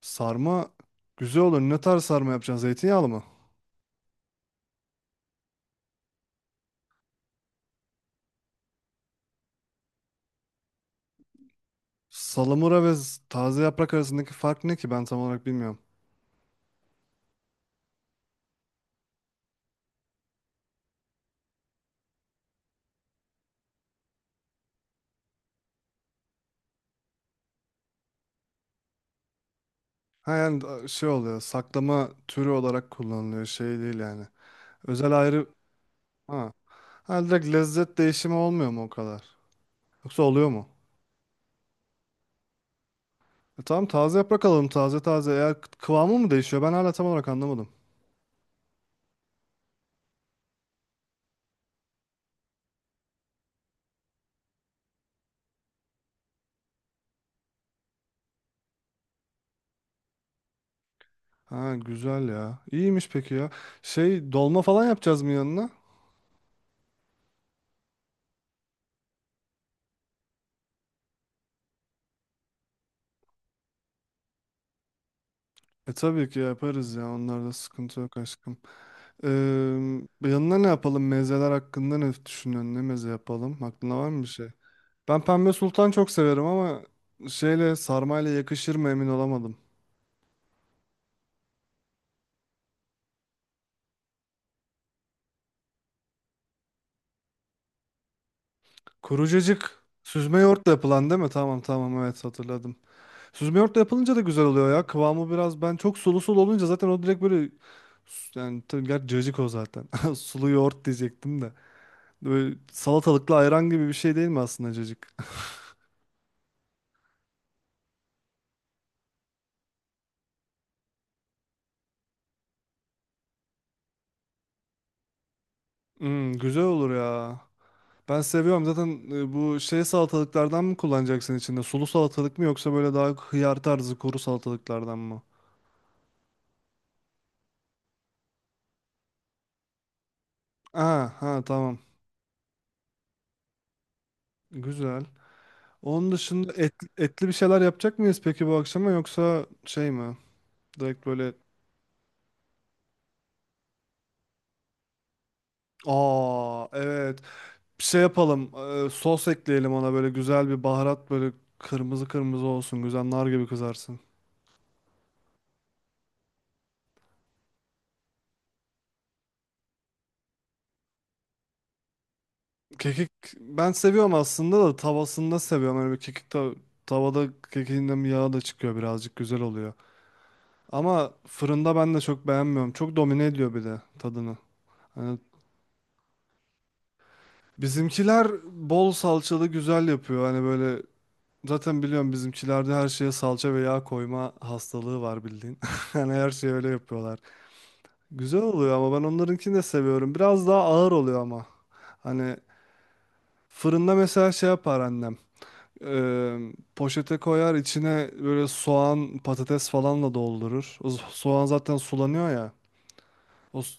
Sarma güzel olur. Ne tarz sarma yapacaksın? Zeytinyağlı mı? Salamura ve taze yaprak arasındaki fark ne ki? Ben tam olarak bilmiyorum. Ha yani şey oluyor. Saklama türü olarak kullanılıyor. Şey değil yani. Özel ayrı. Ha. Ha, direkt lezzet değişimi olmuyor mu o kadar? Yoksa oluyor mu? E tamam, taze yaprak alalım, taze taze. Eğer kıvamı mı değişiyor? Ben hala tam olarak anlamadım. Ha, güzel ya. İyiymiş peki ya. Şey, dolma falan yapacağız mı yanına? E tabii ki yaparız ya. Onlarda sıkıntı yok aşkım. Eee yanına ne yapalım? Mezeler hakkında ne düşünüyorsun? Ne meze yapalım? Aklında var mı bir şey? Ben pembe sultan çok severim ama şeyle, sarmayla yakışır mı emin olamadım. Kuru Kurucacık. Süzme yoğurtla yapılan değil mi? Tamam tamam, evet, hatırladım. Süzme yoğurtla yapılınca da güzel oluyor ya. Kıvamı biraz, ben çok sulu sulu olunca zaten o direkt böyle yani tabii gerçi cacık o zaten. Sulu yoğurt diyecektim de. Böyle salatalıklı ayran gibi bir şey değil mi aslında cacık? Hmm, güzel olur ya. Ben seviyorum zaten bu şey salatalıklardan mı kullanacaksın içinde? Sulu salatalık mı, yoksa böyle daha hıyar tarzı kuru salatalıklardan mı? Aa, ha, tamam. Güzel. Onun dışında et, etli bir şeyler yapacak mıyız peki bu akşama, yoksa şey mi? Direkt böyle, aa evet, bir şey yapalım. Sos ekleyelim ona, böyle güzel bir baharat, böyle kırmızı kırmızı olsun. Güzel nar gibi kızarsın. Kekik ben seviyorum aslında, da tavasında seviyorum. Öyle bir kekik tavada kekiğinden bir yağ da çıkıyor birazcık, güzel oluyor. Ama fırında ben de çok beğenmiyorum. Çok domine ediyor bir de tadını. Hani bizimkiler bol salçalı güzel yapıyor. Hani böyle, zaten biliyorum, bizimkilerde her şeye salça ve yağ koyma hastalığı var bildiğin. Hani her şeyi öyle yapıyorlar. Güzel oluyor ama ben onlarınkini de seviyorum. Biraz daha ağır oluyor ama. Hani fırında mesela şey yapar annem. Eee, Poşete koyar, içine böyle soğan patates falanla doldurur. O soğan zaten sulanıyor ya. O s-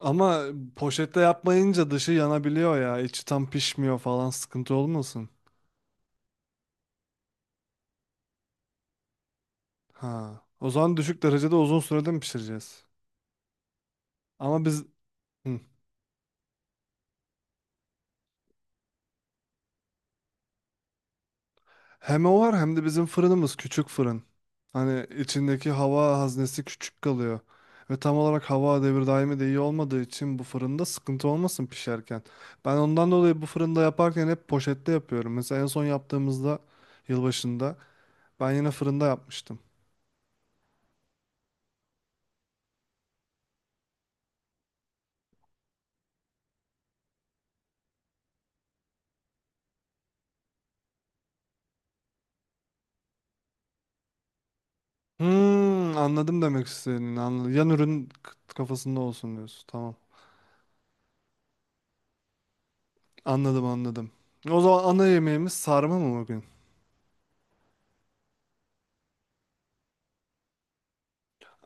Ama poşette yapmayınca dışı yanabiliyor ya. İçi tam pişmiyor falan, sıkıntı olmasın. Ha. O zaman düşük derecede uzun sürede mi pişireceğiz? Ama biz, hı, hem o var hem de bizim fırınımız küçük fırın. Hani içindeki hava haznesi küçük kalıyor. Ve tam olarak hava devir daimi de iyi olmadığı için bu fırında sıkıntı olmasın pişerken. Ben ondan dolayı bu fırında yaparken hep poşette yapıyorum. Mesela en son yaptığımızda, yılbaşında, ben yine fırında yapmıştım. Hmm, anladım demek istediğini. Anladım. Yan ürün kafasında olsun diyorsun. Tamam. Anladım anladım. O zaman ana yemeğimiz sarma mı bugün?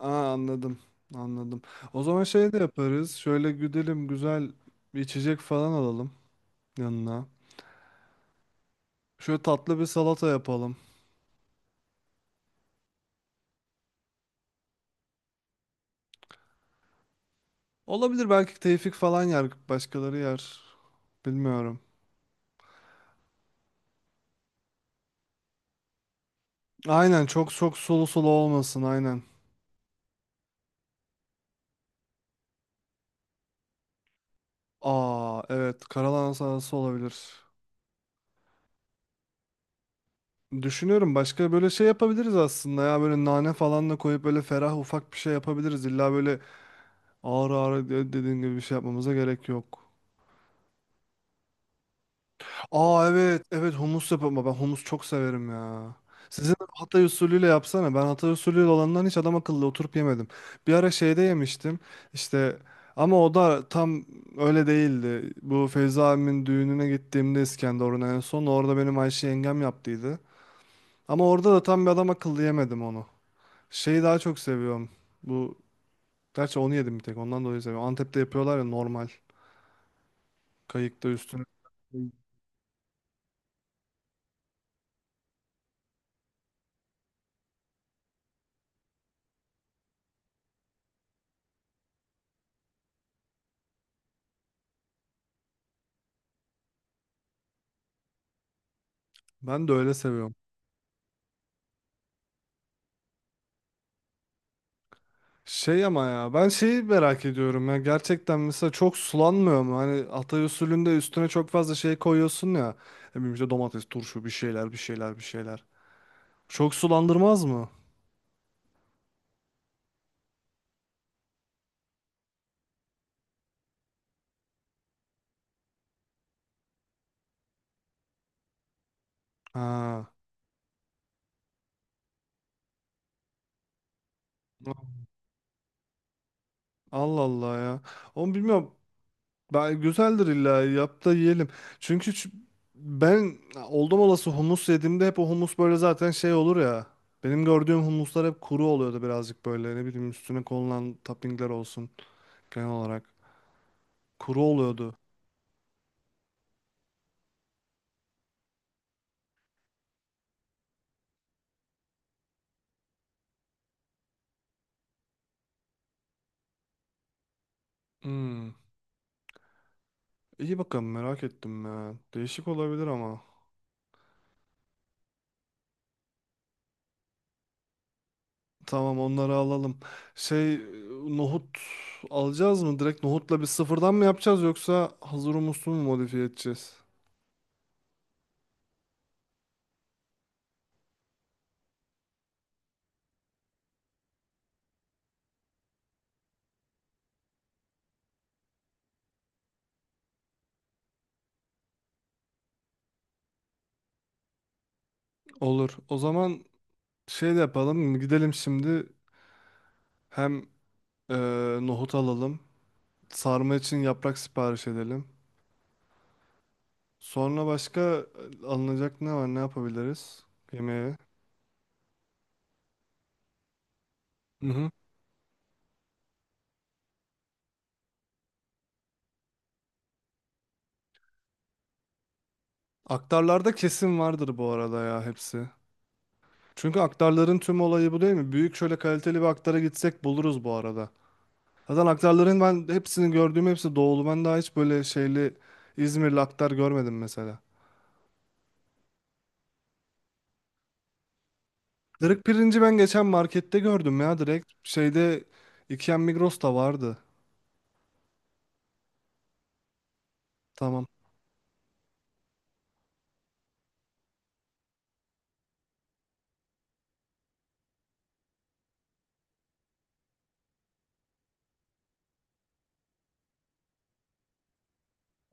Aa, anladım. Anladım. O zaman şey de yaparız. Şöyle güdelim, güzel bir içecek falan alalım yanına. Şöyle tatlı bir salata yapalım. Olabilir, belki Tevfik falan yer. Başkaları yer. Bilmiyorum. Aynen, çok çok sulu sulu olmasın, aynen. Aa evet, karalahana salatası olabilir. Düşünüyorum, başka böyle şey yapabiliriz aslında ya, böyle nane falan da koyup böyle ferah ufak bir şey yapabiliriz. İlla böyle ağır ağır dediğin gibi bir şey yapmamıza gerek yok. Aa evet evet, humus yapma, ben humus çok severim ya. Sizin Hatay usulüyle yapsana. Ben Hatay usulüyle olandan hiç adam akıllı oturup yemedim. Bir ara şeyde yemiştim işte, ama o da tam öyle değildi. Bu Feyza abimin düğününe gittiğimde İskenderun'a, en son orada benim Ayşe yengem yaptıydı. Ama orada da tam bir adam akıllı yemedim onu. Şeyi daha çok seviyorum. Bu, gerçi onu yedim bir tek ondan dolayı seviyorum. Antep'te yapıyorlar ya normal, kayıkta üstüne. Ben de öyle seviyorum. Şey ama ya, ben şeyi merak ediyorum ya gerçekten, mesela çok sulanmıyor mu? Hani Hatay usulünde üstüne çok fazla şey koyuyorsun ya. Ne bileyim işte domates, turşu, bir şeyler bir şeyler bir şeyler. Çok sulandırmaz mı? Ha. Allah Allah ya. Onu bilmiyorum. Ben, güzeldir illa, yap da yiyelim. Çünkü ben oldum olası humus yediğimde hep o humus böyle zaten şey olur ya. Benim gördüğüm humuslar hep kuru oluyordu birazcık böyle. Ne bileyim, üstüne konulan toppingler olsun genel olarak. Kuru oluyordu. Hmm. İyi bakalım, merak ettim ya. Değişik olabilir ama. Tamam, onları alalım. Şey nohut alacağız mı? Direkt nohutla bir sıfırdan mı yapacağız, yoksa hazır humusu mu modifiye edeceğiz? Olur. O zaman şey de yapalım. Gidelim şimdi, hem e, nohut alalım. Sarma için yaprak sipariş edelim. Sonra başka alınacak ne var? Ne yapabiliriz? Yemeğe. Hı hı. Aktarlarda kesin vardır bu arada ya hepsi. Çünkü aktarların tüm olayı bu değil mi? Büyük şöyle kaliteli bir aktara gitsek buluruz bu arada. Zaten aktarların ben hepsini gördüğüm hepsi doğulu. Ben daha hiç böyle şeyli İzmirli aktar görmedim mesela. Dırık pirinci ben geçen markette gördüm ya direkt. Şeyde, Ikea Migros'ta vardı. Tamam.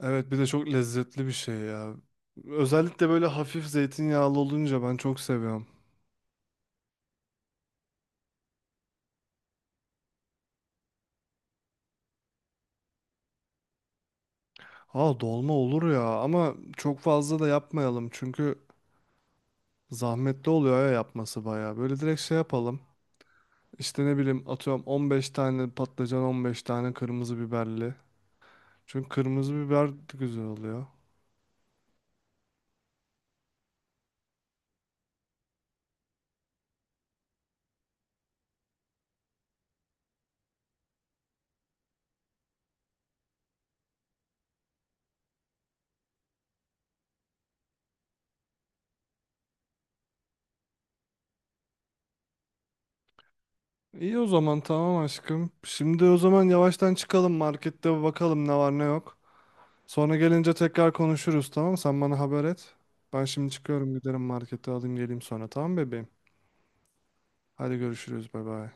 Evet, bir de çok lezzetli bir şey ya. Özellikle böyle hafif zeytinyağlı olunca ben çok seviyorum. Aa dolma olur ya, ama çok fazla da yapmayalım çünkü zahmetli oluyor ya yapması bayağı. Böyle direkt şey yapalım. İşte ne bileyim, atıyorum 15 tane patlıcan, 15 tane kırmızı biberli. Çünkü kırmızı biber de güzel oluyor. İyi o zaman, tamam aşkım. Şimdi o zaman yavaştan çıkalım, markette bakalım ne var ne yok. Sonra gelince tekrar konuşuruz, tamam. Sen bana haber et. Ben şimdi çıkıyorum, giderim markete alayım geleyim sonra, tamam bebeğim. Hadi görüşürüz, bay bay.